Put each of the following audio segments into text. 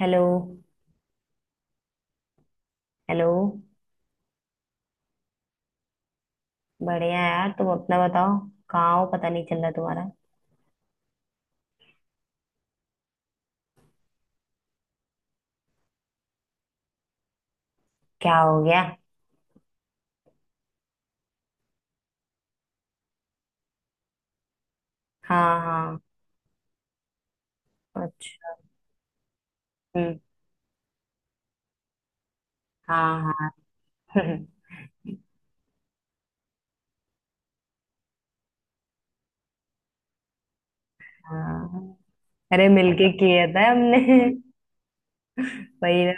Hello. Hello. बढ़िया यार, तुम अपना बताओ। कहाँ हो, पता नहीं चल रहा तुम्हारा। क्या हो गया। हाँ हाँ। अच्छा। हम्म। हाँ हाँ। हाँ। अरे मिलके किया था हमने। वही ना।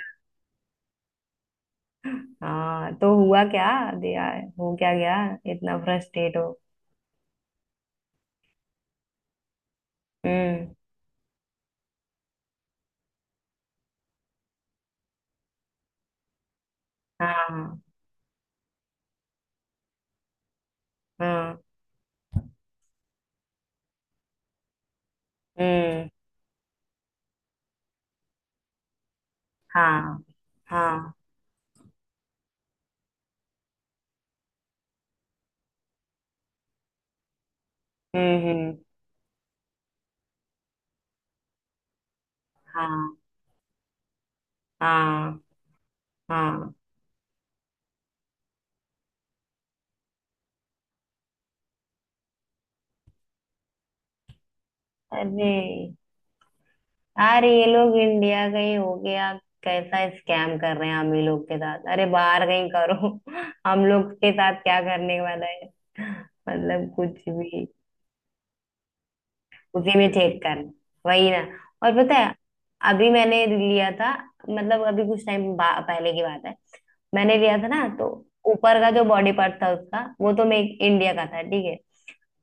हाँ, तो हुआ क्या, दिया, हो क्या गया, इतना फ्रस्ट्रेट हो। हम्म। हाँ हाँ। हम्म। हाँ हाँ। हम्म। हम्म। हाँ हाँ। हाँ। अरे यार, ये लोग इंडिया गए हो गया। कैसा स्कैम कर रहे हैं हम ही लोग के साथ। अरे बाहर कहीं करो। हम लोग के साथ क्या करने वाला है। मतलब कुछ भी। उसी में चेक करना। वही ना। और पता है, अभी मैंने लिया था, मतलब अभी कुछ टाइम पहले की बात है। मैंने लिया था ना तो ऊपर का जो बॉडी पार्ट था उसका, वो तो मैं इंडिया का था, ठीक है।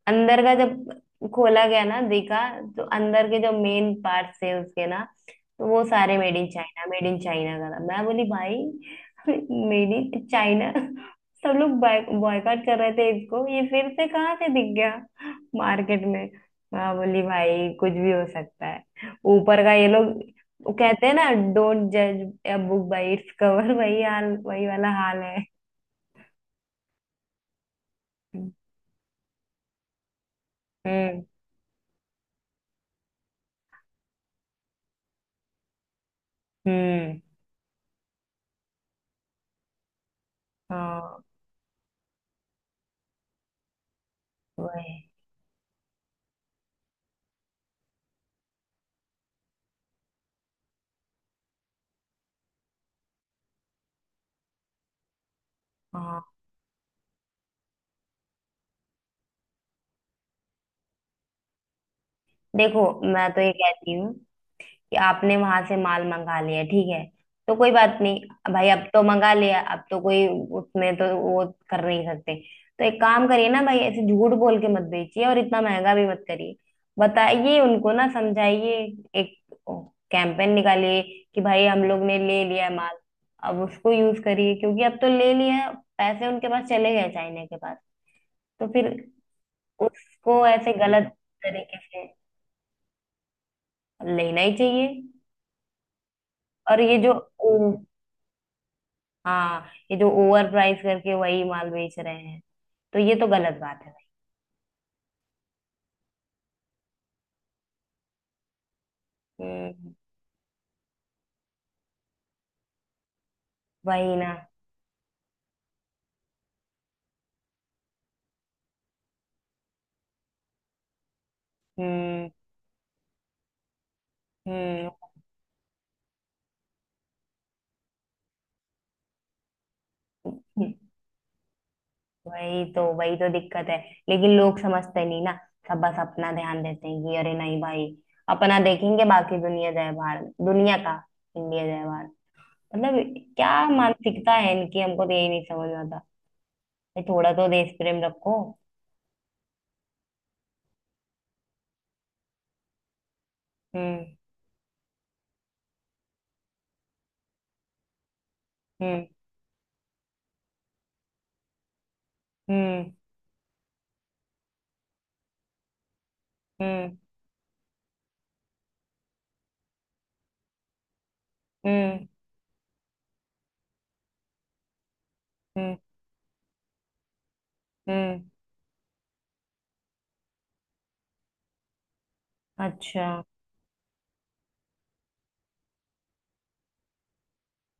अंदर का जब खोला गया ना, देखा तो अंदर के जो मेन पार्ट थे उसके ना, तो वो सारे made in China, made in China का था। मैं बोली भाई, मेड इन चाइना। सब लोग बॉयकॉट कर रहे थे इसको, ये फिर से कहाँ से दिख गया मार्केट में। मैं बोली भाई, कुछ भी हो सकता है। ऊपर का ये लोग, वो कहते हैं ना, डोंट जज a book by its cover. वही हाल, वही वाला हाल है। हम्म हम्म। हाँ। वही। हाँ। देखो, मैं तो ये कहती हूँ कि आपने वहां से माल मंगा लिया, ठीक है, तो कोई बात नहीं भाई, अब तो मंगा लिया, अब तो कोई उसमें तो वो कर नहीं सकते। तो एक काम करिए ना भाई, ऐसे झूठ बोल के मत बेचिए और इतना महंगा भी मत करिए। बताइए उनको, ना समझाइए। एक कैंपेन निकालिए कि भाई हम लोग ने ले लिया है माल, अब उसको यूज करिए, क्योंकि अब तो ले लिया है, पैसे उनके पास चले गए चाइना के पास। तो फिर उसको ऐसे गलत तरीके से लेना ही चाहिए। और ये जो, हाँ, ये जो ओवर प्राइस करके वही माल बेच रहे हैं, तो ये तो गलत बात है भाई। हम्म। वही ना। हम्म। हम्म। वही तो दिक्कत है, लेकिन लोग समझते नहीं ना। सब बस अपना ध्यान देते हैं कि अरे नहीं भाई, अपना देखेंगे, बाकी दुनिया जाए बाहर, दुनिया का, इंडिया जाए बाहर। मतलब क्या मानसिकता है इनकी, हमको तो यही नहीं समझ में आता। भाई थोड़ा तो देश प्रेम रखो। हम्म। हम्म। हम्म। हम्म। हम्म। हम्म। हम्म। अच्छा।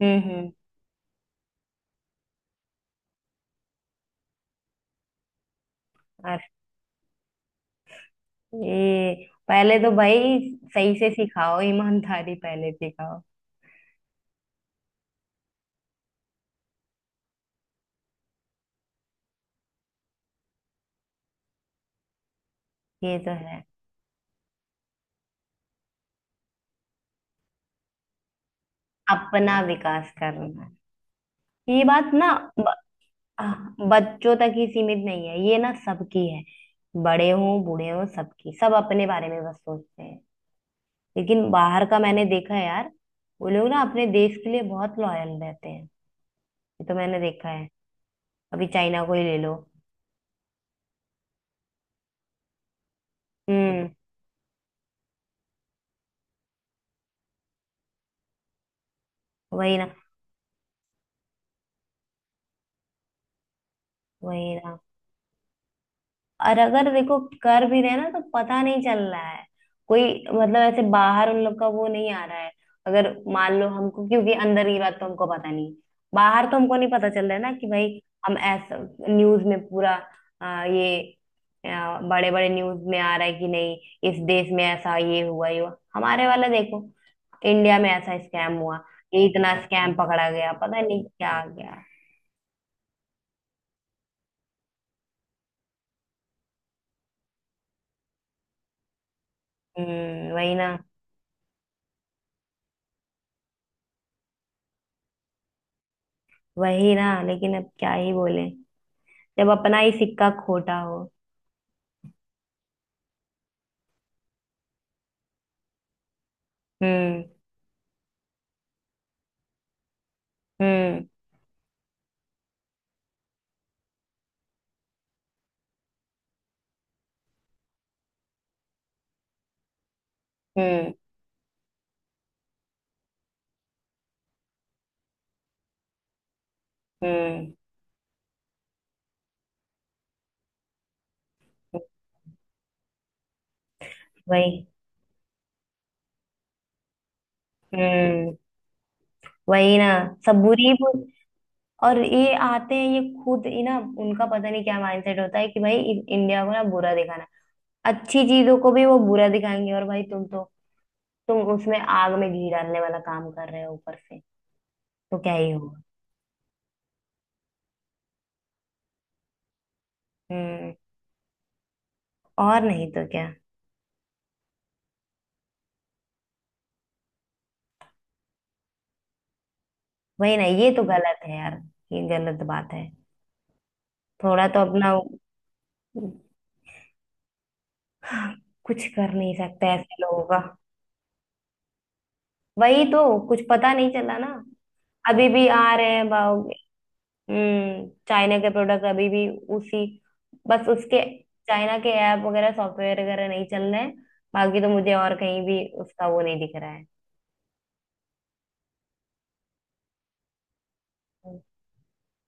हम्म। हम्म। अरे पहले तो भाई सही से सिखाओ, ईमानदारी पहले सिखाओ। ये तो है। अपना विकास करना है। ये बात ना, ब, बच्चों तक ही सीमित नहीं है ये ना, सबकी है। बड़े हों, बूढ़े हों, सबकी सब अपने बारे में बस सोचते हैं। लेकिन बाहर का मैंने देखा है यार, वो लोग ना अपने देश के लिए बहुत लॉयल रहते हैं। ये तो मैंने देखा है। अभी चाइना को ही ले लो। हम्म। वही ना। वही ना। और अगर देखो कर भी रहे हैं ना तो पता नहीं चल रहा है, कोई, मतलब ऐसे बाहर उन लोग का वो नहीं आ रहा है। अगर मान लो हमको, क्योंकि अंदर की बात तो हमको पता नहीं, बाहर तो हमको नहीं पता चल रहा है ना कि भाई हम ऐसा। न्यूज में पूरा ये बड़े बड़े न्यूज में आ रहा है कि नहीं, इस देश में ऐसा ये हुआ, ये हुआ, हमारे वाला देखो, इंडिया में ऐसा स्कैम हुआ, ये इतना स्कैम पकड़ा गया, पता नहीं क्या आ गया। हम्म। वही ना। वही ना, लेकिन अब क्या ही बोले, जब अपना ही सिक्का खोटा हो। हम्म। हम्म। हम्म। हम्म। वही। हम्म। वही ना, सब बुरी ही बुरी। और ये आते हैं ये खुद ही ना, उनका पता नहीं क्या माइंडसेट होता है कि भाई इंडिया को ना बुरा दिखाना, अच्छी चीजों को भी वो बुरा दिखाएंगे, और भाई तुम तो, तुम उसमें आग में घी डालने वाला काम कर रहे हो ऊपर से, तो क्या ही होगा। हम्म। और नहीं तो क्या। वही ना, ये तो गलत है यार, ये गलत बात है। थोड़ा तो अपना, कुछ कर नहीं सकते ऐसे लोगों का। वही तो, कुछ पता नहीं चला ना। अभी भी आ रहे हैं भाव। हम्म, चाइना के प्रोडक्ट अभी भी उसी, बस उसके चाइना के ऐप वगैरह, सॉफ्टवेयर वगैरह नहीं चल रहे हैं, बाकी तो मुझे और कहीं भी उसका वो नहीं दिख रहा है।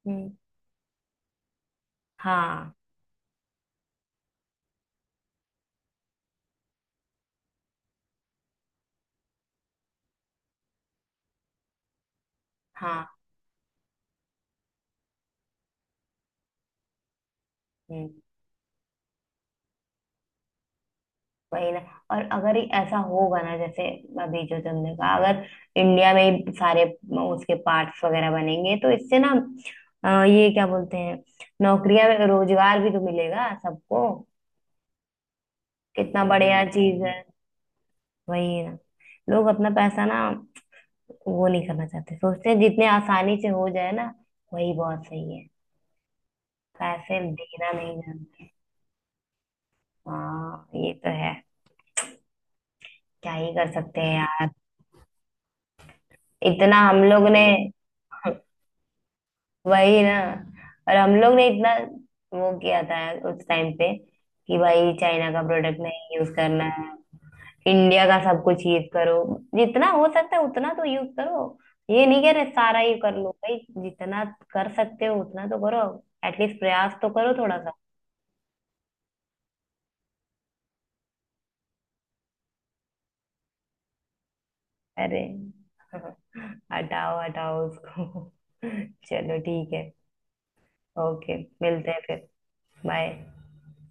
हम्म। हाँ। हाँ। हम्म। वही ना। और अगर ये ऐसा होगा ना जैसे अभी जो तुमने कहा, अगर इंडिया में ही सारे उसके पार्ट्स वगैरह बनेंगे, तो इससे ना ये क्या बोलते हैं, नौकरियां में रोजगार भी तो मिलेगा सबको। कितना बढ़िया चीज है। वही ना, लोग अपना पैसा ना, वो नहीं करना चाहते, सोचते हैं जितने आसानी से हो जाए ना। वही बहुत सही है। पैसे देना नहीं जानते। हाँ ये तो है। क्या ही कर सकते हैं यार। इतना हम लोग ने वही ना। और हम लोग ने इतना वो किया था उस टाइम पे कि भाई चाइना का प्रोडक्ट नहीं यूज करना है, इंडिया का सब कुछ यूज करो। जितना हो सकता है उतना तो यूज करो, ये नहीं कह रहे सारा ही कर लो भाई, जितना कर सकते हो उतना तो करो। एटलीस्ट प्रयास तो करो थोड़ा सा। अरे, हटाओ हटाओ उसको। चलो ठीक है। ओके, मिलते हैं फिर। बाय।